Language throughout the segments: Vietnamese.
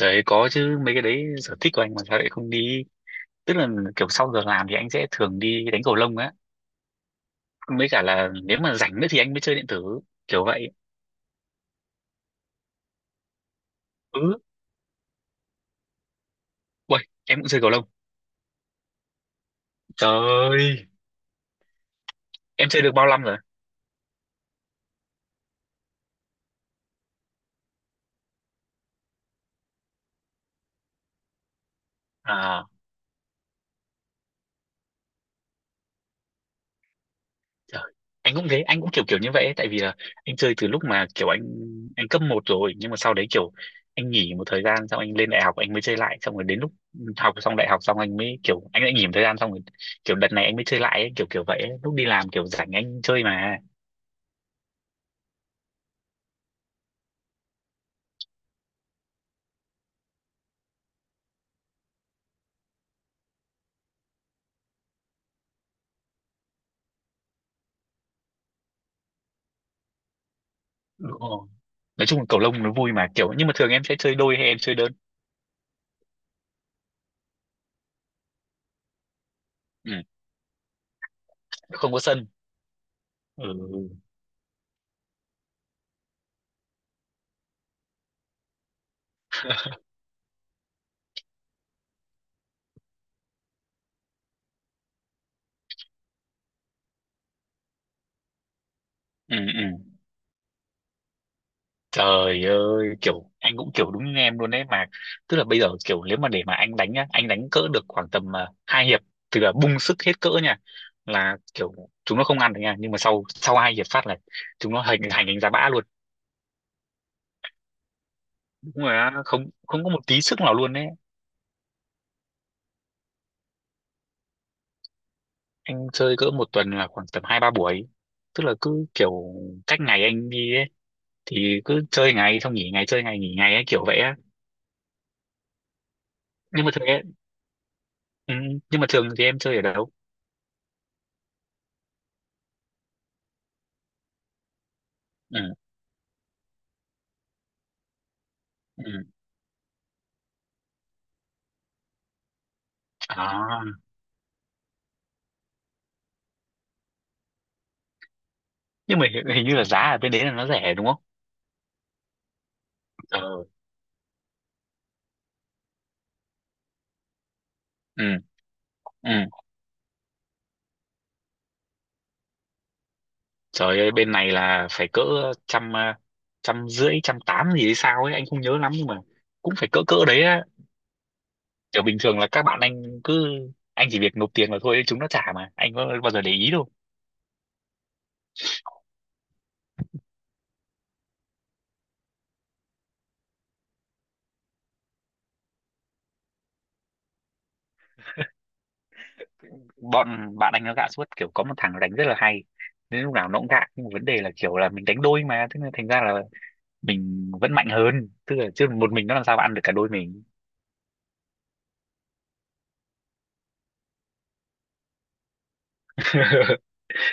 Đấy, có chứ, mấy cái đấy sở thích của anh mà sao lại không đi. Tức là kiểu sau giờ làm thì anh sẽ thường đi đánh cầu lông á, mới cả là nếu mà rảnh nữa thì anh mới chơi điện tử kiểu vậy. Ừ. Uầy, em cũng chơi cầu lông. Trời ơi, em chơi được bao năm rồi? À. Trời, anh cũng thế, anh cũng kiểu kiểu như vậy ấy, tại vì là anh chơi từ lúc mà kiểu anh cấp một rồi, nhưng mà sau đấy kiểu anh nghỉ một thời gian, xong anh lên đại học anh mới chơi lại, xong rồi đến lúc học xong đại học xong anh mới kiểu anh lại nghỉ một thời gian, xong rồi kiểu đợt này anh mới chơi lại ấy, kiểu kiểu vậy ấy. Lúc đi làm kiểu rảnh anh chơi mà. Đúng rồi. Nói chung là cầu lông nó vui mà kiểu, nhưng mà thường em sẽ chơi đôi hay em chơi đơn? Ừ. Không có sân. Ừ. Ừ, ừ. Trời ơi, kiểu anh cũng kiểu đúng như em luôn đấy mà. Tức là bây giờ kiểu nếu mà để mà anh đánh nhá, anh đánh cỡ được khoảng tầm 2 hiệp, tức là bung sức hết cỡ nha, là kiểu chúng nó không ăn được nha, nhưng mà sau sau 2 hiệp phát là chúng nó hành hành đánh giá bã luôn. Đúng là không không có một tí sức nào luôn đấy. Anh chơi cỡ một tuần là khoảng tầm 2-3 buổi. Tức là cứ kiểu cách ngày anh đi ấy, thì cứ chơi ngày xong nghỉ ngày, chơi ngày nghỉ ngày ấy kiểu vậy á. Nhưng mà thường ấy, ừ, nhưng mà thường thì em chơi ở đâu? Ừ. Ừ. À. Nhưng mà hình như là giá ở bên đấy là nó rẻ đúng không? Ờ, ừ, ừ. Trời ơi, bên này là phải cỡ trăm trăm rưỡi trăm tám gì hay sao ấy, anh không nhớ lắm, nhưng mà cũng phải cỡ cỡ đấy á. Kiểu bình thường là các bạn anh cứ anh chỉ việc nộp tiền vào thôi, chúng nó trả mà anh có bao giờ để ý đâu. Bọn bạn anh nó gạ suốt, kiểu có một thằng đánh rất là hay nên lúc nào nó cũng gạ, nhưng mà vấn đề là kiểu là mình đánh đôi mà, thế nên thành ra là mình vẫn mạnh hơn, tức là chứ một mình nó làm sao mà ăn được cả đôi mình.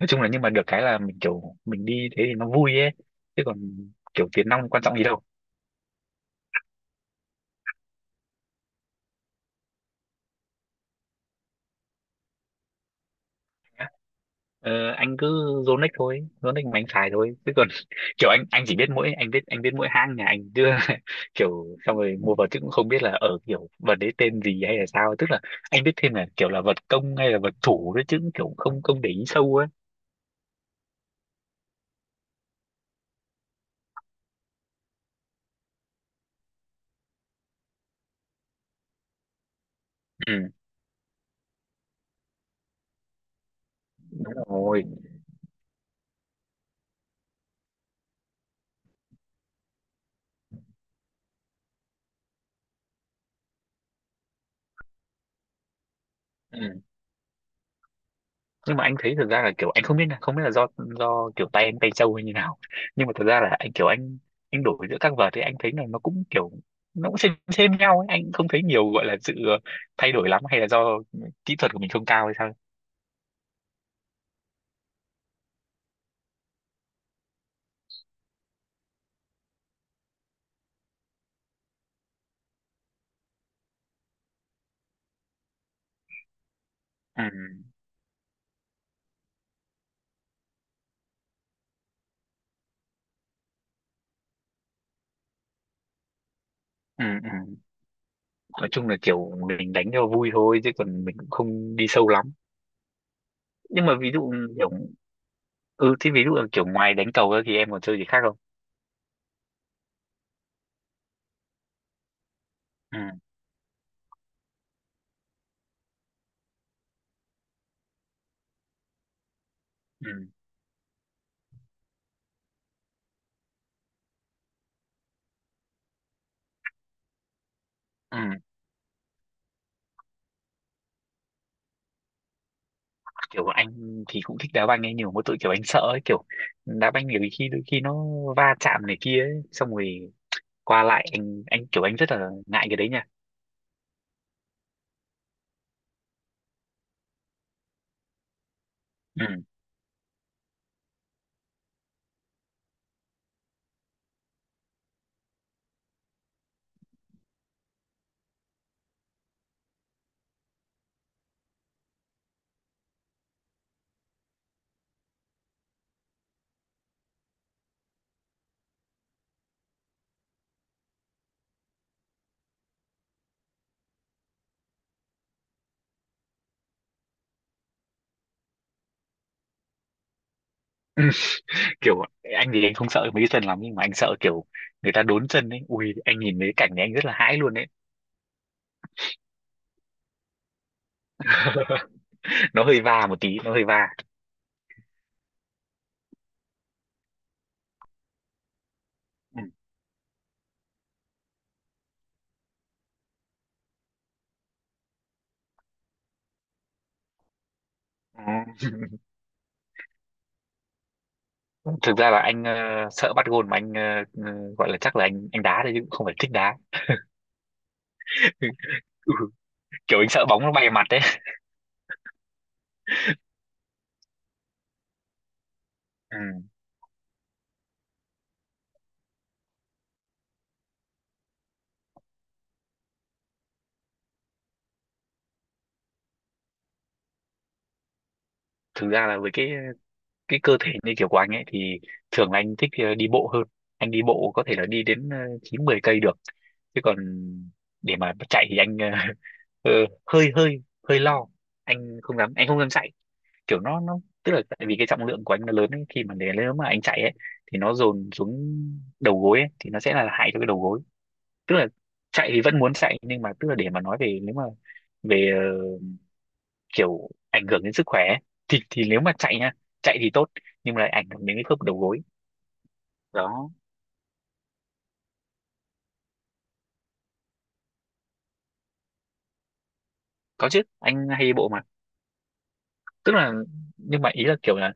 Nói chung là nhưng mà được cái là mình kiểu mình đi thế thì nó vui ấy, chứ còn kiểu tiền nong quan trọng gì đâu. Ờ, anh cứ Yonex thôi, Yonex mà anh xài thôi, chứ còn kiểu anh chỉ biết mỗi anh biết mỗi hãng nhà anh chứ. Kiểu xong rồi mua vào chứ cũng không biết là ở kiểu vật đấy tên gì hay là sao, tức là anh biết thêm là kiểu là vật công hay là vật thủ đấy chứ, cũng kiểu không không để ý sâu ấy. Ừ, đúng rồi. Ừ. Nhưng mà anh thấy thật ra là kiểu anh không biết nha, không biết là do kiểu tay anh tay trâu hay như nào, nhưng mà thật ra là anh kiểu anh đổi giữa các vợt thì anh thấy là nó cũng kiểu nó cũng xem nhau ấy. Anh không thấy nhiều gọi là sự thay đổi lắm, hay là do kỹ thuật của mình không cao hay sao. Ừ, ừ, ừ. Nói chung là kiểu mình đánh cho vui thôi chứ còn mình cũng không đi sâu lắm. Nhưng mà ví dụ, kiểu, ừ thì ví dụ là kiểu ngoài đánh cầu ra thì em còn chơi gì khác không? Ừ, ừ, ừ. Kiểu anh thì cũng thích đá banh ấy nhiều, mỗi tội kiểu anh sợ ấy, kiểu đá banh nhiều khi đôi khi nó va chạm này kia ấy, xong rồi qua lại anh kiểu anh rất là ngại cái đấy nha. Ừ. Kiểu anh thì anh không sợ mấy cái chân lắm, nhưng mà anh sợ kiểu người ta đốn chân ấy, ui anh nhìn mấy cái cảnh này anh rất là hãi luôn ấy. Nó hơi va một tí nó hơi va. Ừ. Ừ. Thực ra là anh sợ bắt gôn mà anh ờ, gọi là chắc là anh đá thôi, chứ cũng không phải thích đá. Ừ. Kiểu anh sợ bóng nó bay vào mặt đấy. Ừ. Thực ra là với cái cơ thể như kiểu của anh ấy thì thường là anh thích đi bộ hơn. Anh đi bộ có thể là đi đến 9-10 cây được, chứ còn để mà chạy thì anh ờ, hơi hơi hơi lo, anh không dám chạy. Kiểu nó tức là tại vì cái trọng lượng của anh nó lớn ấy, khi mà để nếu mà anh chạy ấy thì nó dồn xuống đầu gối ấy, thì nó sẽ là hại cho cái đầu gối. Tức là chạy thì vẫn muốn chạy, nhưng mà tức là để mà nói về nếu mà về kiểu ảnh hưởng đến sức khỏe ấy. Thì nếu mà chạy nha, chạy thì tốt nhưng mà lại ảnh hưởng đến cái khớp đầu gối. Đó, có chứ, anh hay đi bộ mà. Tức là nhưng mà ý là kiểu là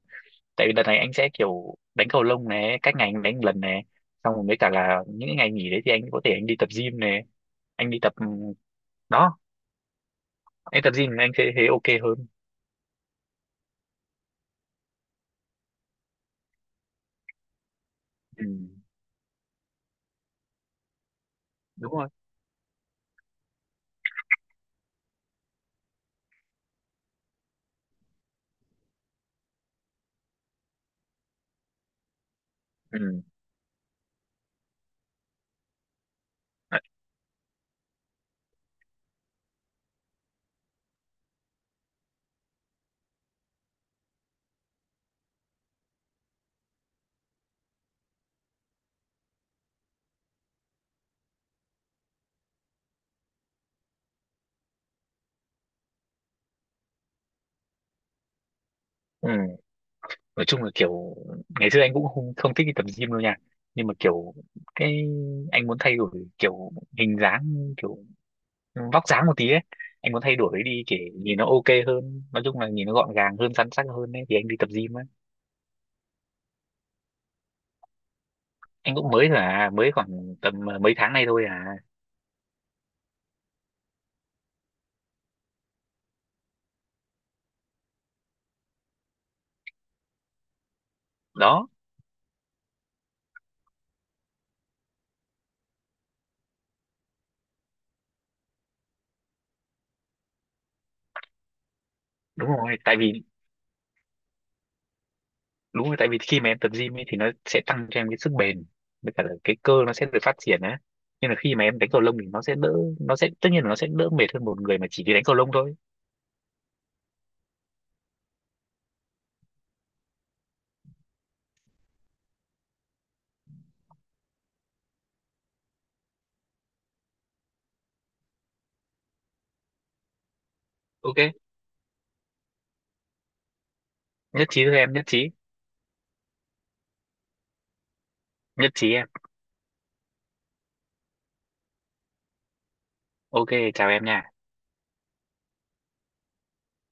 tại vì đợt này anh sẽ kiểu đánh cầu lông này cách ngày anh đánh một lần này, xong rồi với cả là những cái ngày nghỉ đấy thì anh có thể anh đi tập gym này, anh đi tập, đó, anh tập gym anh sẽ thấy ok hơn. Ừ, đúng rồi. Ừ. Ừ. Nói chung là kiểu ngày xưa anh cũng không thích đi tập gym đâu nha, nhưng mà kiểu cái anh muốn thay đổi kiểu hình dáng, kiểu vóc dáng một tí ấy, anh muốn thay đổi đi để nhìn nó ok hơn, nói chung là nhìn nó gọn gàng hơn săn sắc hơn ấy thì anh đi tập gym ấy. Anh cũng mới thôi à, mới khoảng tầm à, mấy tháng nay thôi à. Đó, đúng rồi tại vì đúng rồi tại vì khi mà em tập gym ấy thì nó sẽ tăng cho em cái sức bền, với cả là cái cơ nó sẽ được phát triển á, nhưng là khi mà em đánh cầu lông thì nó sẽ tất nhiên là nó sẽ đỡ mệt hơn một người mà chỉ đi đánh cầu lông thôi. Ok. Nhất trí thôi em, nhất trí. Nhất trí em. Ok. Chào em nha.